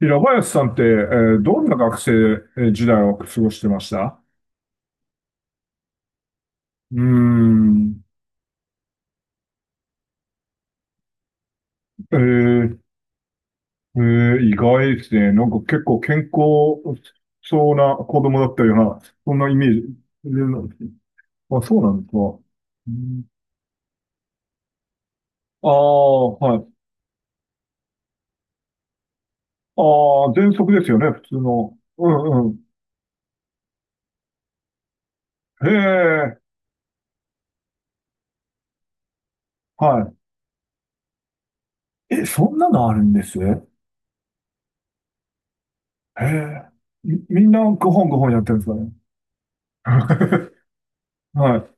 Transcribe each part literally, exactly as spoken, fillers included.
平林さんって、えーどんな学生時代を過ごしてました？うーん。えーえー、意外ですね。なんか結構健康そうな子供だったような、そんなイメージ。えーあ、そうなんですか。うん。ああ、はい。ああ、喘息ですよね、普通の。うんうん。へえ、はい。え、そんなのあるんですね？へえ。み、みんなご本ご本やってるんですか？ね。はい。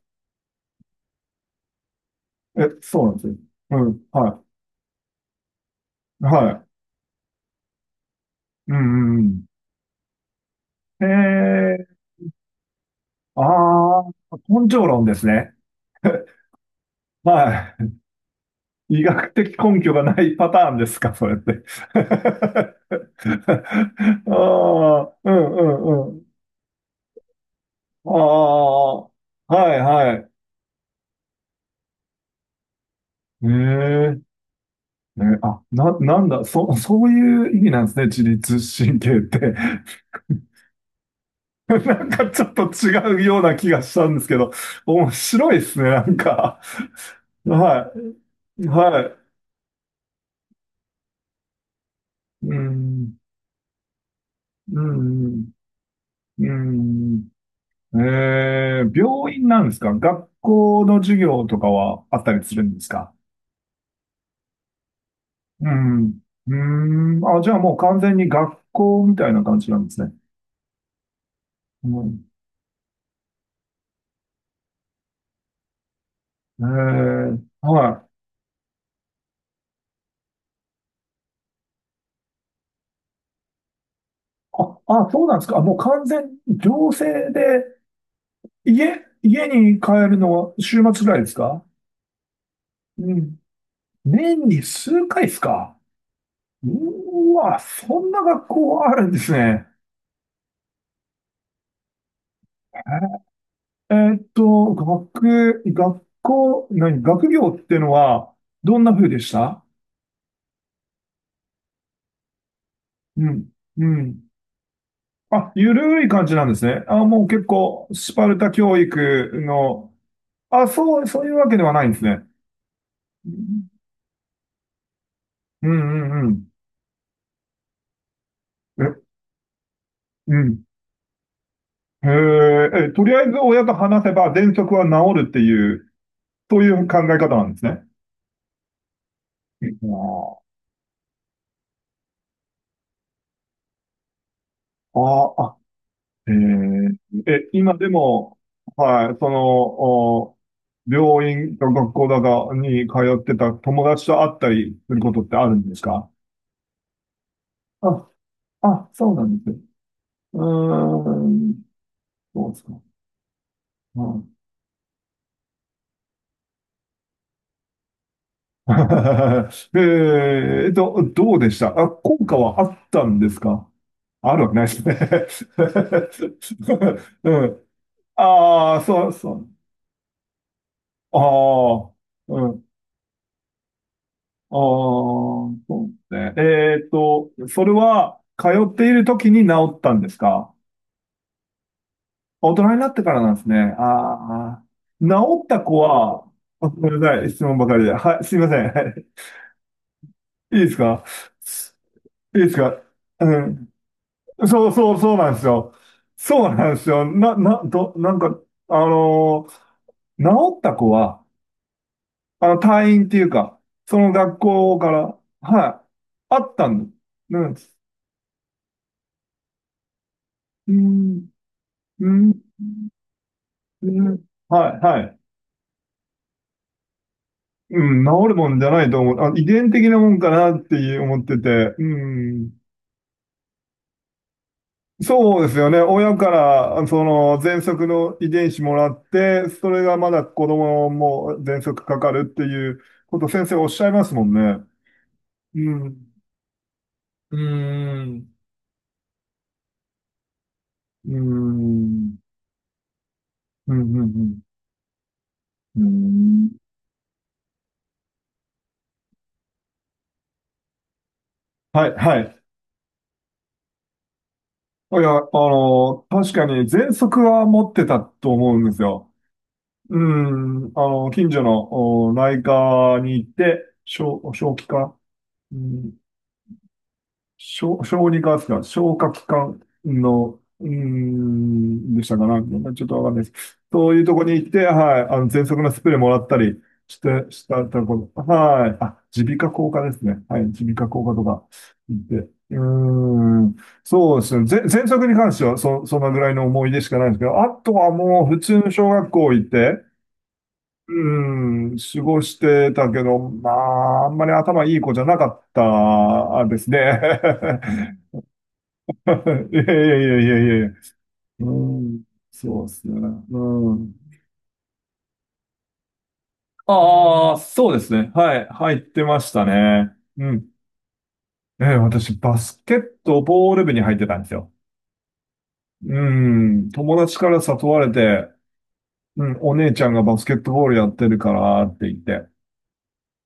え、そうなんですよ。うん、はい。はい。うんうんうん。へえ、ああ、根性論ですね。はい。医学的根拠がないパターンですか、それって？ああ、うんうんうん。ああ、はいはい。ええ、ね、あ、な、なんだ、そ、そういう意味なんですね、自律神経って。なんかちょっと違うような気がしたんですけど、面白いですね、なんか。はい。はい。うん、うん、うん。えー、病院なんですか？学校の授業とかはあったりするんですか？うん。うーん。あ、じゃあもう完全に学校みたいな感じなんですね。うん。えー、はい。あ、あ、そうなんですか。あもう完全、行政で、家、家に帰るのは週末ぐらいですか？うん。年に数回ですか？うーわ、そんな学校あるんですね。えーっと、学、学校、何、学業っていうのは、どんな風でした？うん、うん。あ、ゆるい感じなんですね。あ、もう結構、スパルタ教育の、あ、そう、そういうわけではないんですね。うん、うん、うん。え、うん。へえ、えとりあえず親と話せば、喘息は治るっていう、そういう考え方なんですね。うん。あーあ。えー、え、今でも、はい、その、お病院か学校だかに通ってた友達と会ったりすることってあるんですか？あ、あ、そうなんです。うーん、そうですか。うん。 えーと、どうでしたあ、効果はあったんですか？あるわけないですね？ うん。ああ、そうそう。ああ、うん。ああ、そうね。えーっと、それは、通っている時に治ったんですか？大人になってからなんですね。あーあー、治った子は、あごめんなさい、質問ばかりで。はい、すいません。はい。いいですか？いいですか？うん。そうそうそうなんですよ。そうなんですよ。な、な、ど、なんか、あのー治った子は、あの、退院っていうか、その学校から、はい、あったんです。うん、うん、うんうん。はい、はい。うん、治るもんじゃないと思う。あ、遺伝的なもんかなって思ってて。うん。そうですよね。親から、その、喘息の遺伝子もらって、それがまだ子供も喘息かかるっていうこと、先生おっしゃいますもんね。うん。うーん。うーん。うん、うん、うん。はい、はい。いや、あの、確かに喘息は持ってたと思うんですよ。うん、あの、近所のお内科に行って、小、小児科、うん、小、小児科ですか、消化器官の、うん、でしたかな、ちょっとわかんないです。そういうとこに行って、はい、あの、喘息のスプレーもらったりして、したところ、はい、あ、耳鼻科口科ですね。はい、耳鼻科口科とか行って、うーん、そうですね。ぜ、喘息に関しては、そ、そんなぐらいの思い出しかないんですけど、あとはもう普通の小学校行って、うん、過ごしてたけど、まあ、あんまり頭いい子じゃなかったですね。いやいやいやいやいや。うん、そうですね。うん。ああ、そうですね。はい、入ってましたね。うん。えー、私、バスケットボール部に入ってたんですよ。うん、友達から誘われて、うん、お姉ちゃんがバスケットボールやってるからって言って。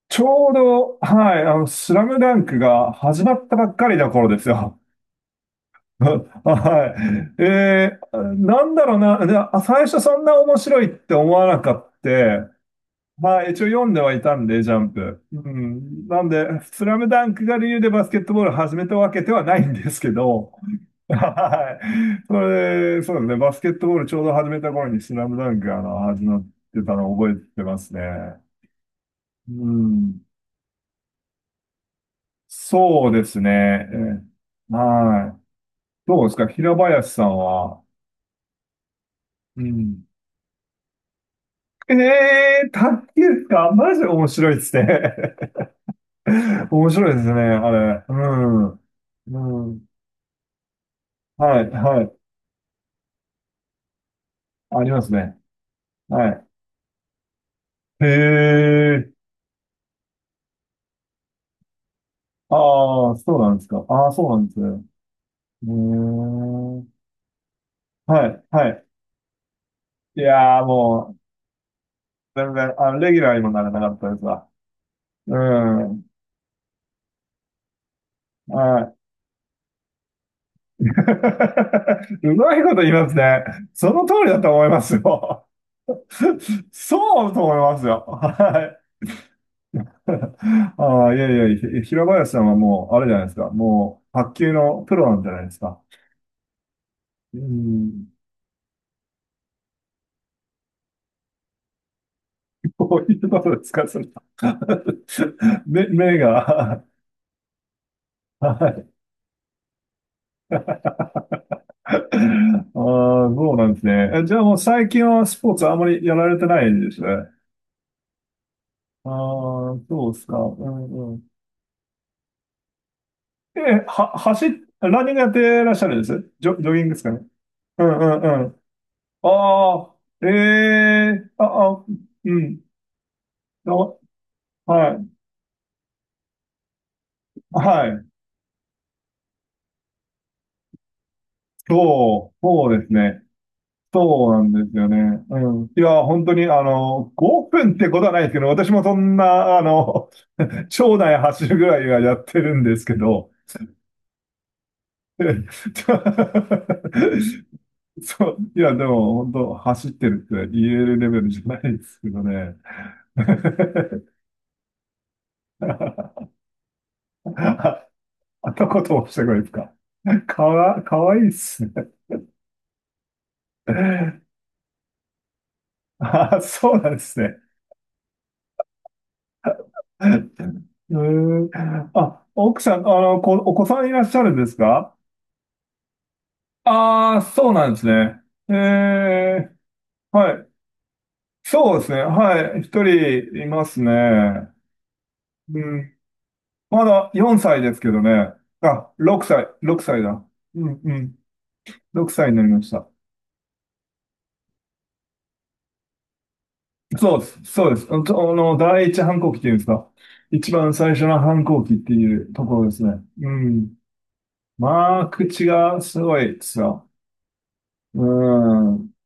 ちょうど、はい、あの、スラムダンクが始まったばっかりの頃ですよ。はい。えー、なんだろうな。で、あ最初そんな面白いって思わなかった。まあ、一応読んではいたんで、ジャンプ。うん。なんで、スラムダンクが理由でバスケットボールを始めたわけではないんですけど、はい。それ、そうですね。バスケットボールちょうど始めた頃にスラムダンクがあの始まってたのを覚えてますね。うん。そうですね。えーはい。どうですか平林さんは？うん。ええー、卓球か。マジ面白いですね。面白いですね、あれ。うん。うん。はい、はい。ありますね。はい。へえ。ああ、そうなんですか。ああ、そうなんですね。うーん。はい、はい。いやー、もう、全然、あの、レギュラーにもならなかったですわ。うん。はい。うまいこと言いますね。その通りだと思いますよ。そうと思いますよ。はい。ああ、いやいや、ひ平林さんはもう、あれじゃないですか。もう、卓球のプロなんじゃないですか？うん。こういうことですか、それ？目、目が。はい。ああ、そうなんですね。えじゃあもう最近はスポーツあんまりやられてないんですね。ああ、そうですか。うんうん。え、は、走っ、ランニングやってらっしゃるんですジョ、ジョギングですかね。うんうんうん。ああ、ええあ、あ、うん。あはい。はい。そう、そうですね。そうなんですよね。うん。いや、本当に、あの、ごふんってことはないですけど、私もそんな、あの、町内走るぐらいはやってるんですけど、そう、いや、でも、本当走ってるって言えるレベルじゃないですけどね。あ、あとことをしてくれですか？かわ、かわいいっすね。あ、そうなんですね。えー、あ、奥さん、あの、こ、お子さんいらっしゃるんですか？ああー、そうなんですね。ええ、はい。そうですね。はい。一人いますね。うん。まだよんさいですけどね。あ、ろくさい、ろくさいだ。うんうん。ろくさいになりました。そうです。そうです。あの、あの第一反抗期っていうんですか？一番最初の反抗期っていうところですね。うん。まあ、口がすごいですよ。うん。は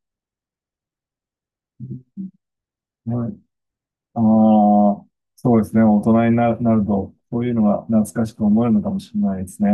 い。ああ、そうですね。大人にな、なると、そういうのが懐かしく思えるのかもしれないですね。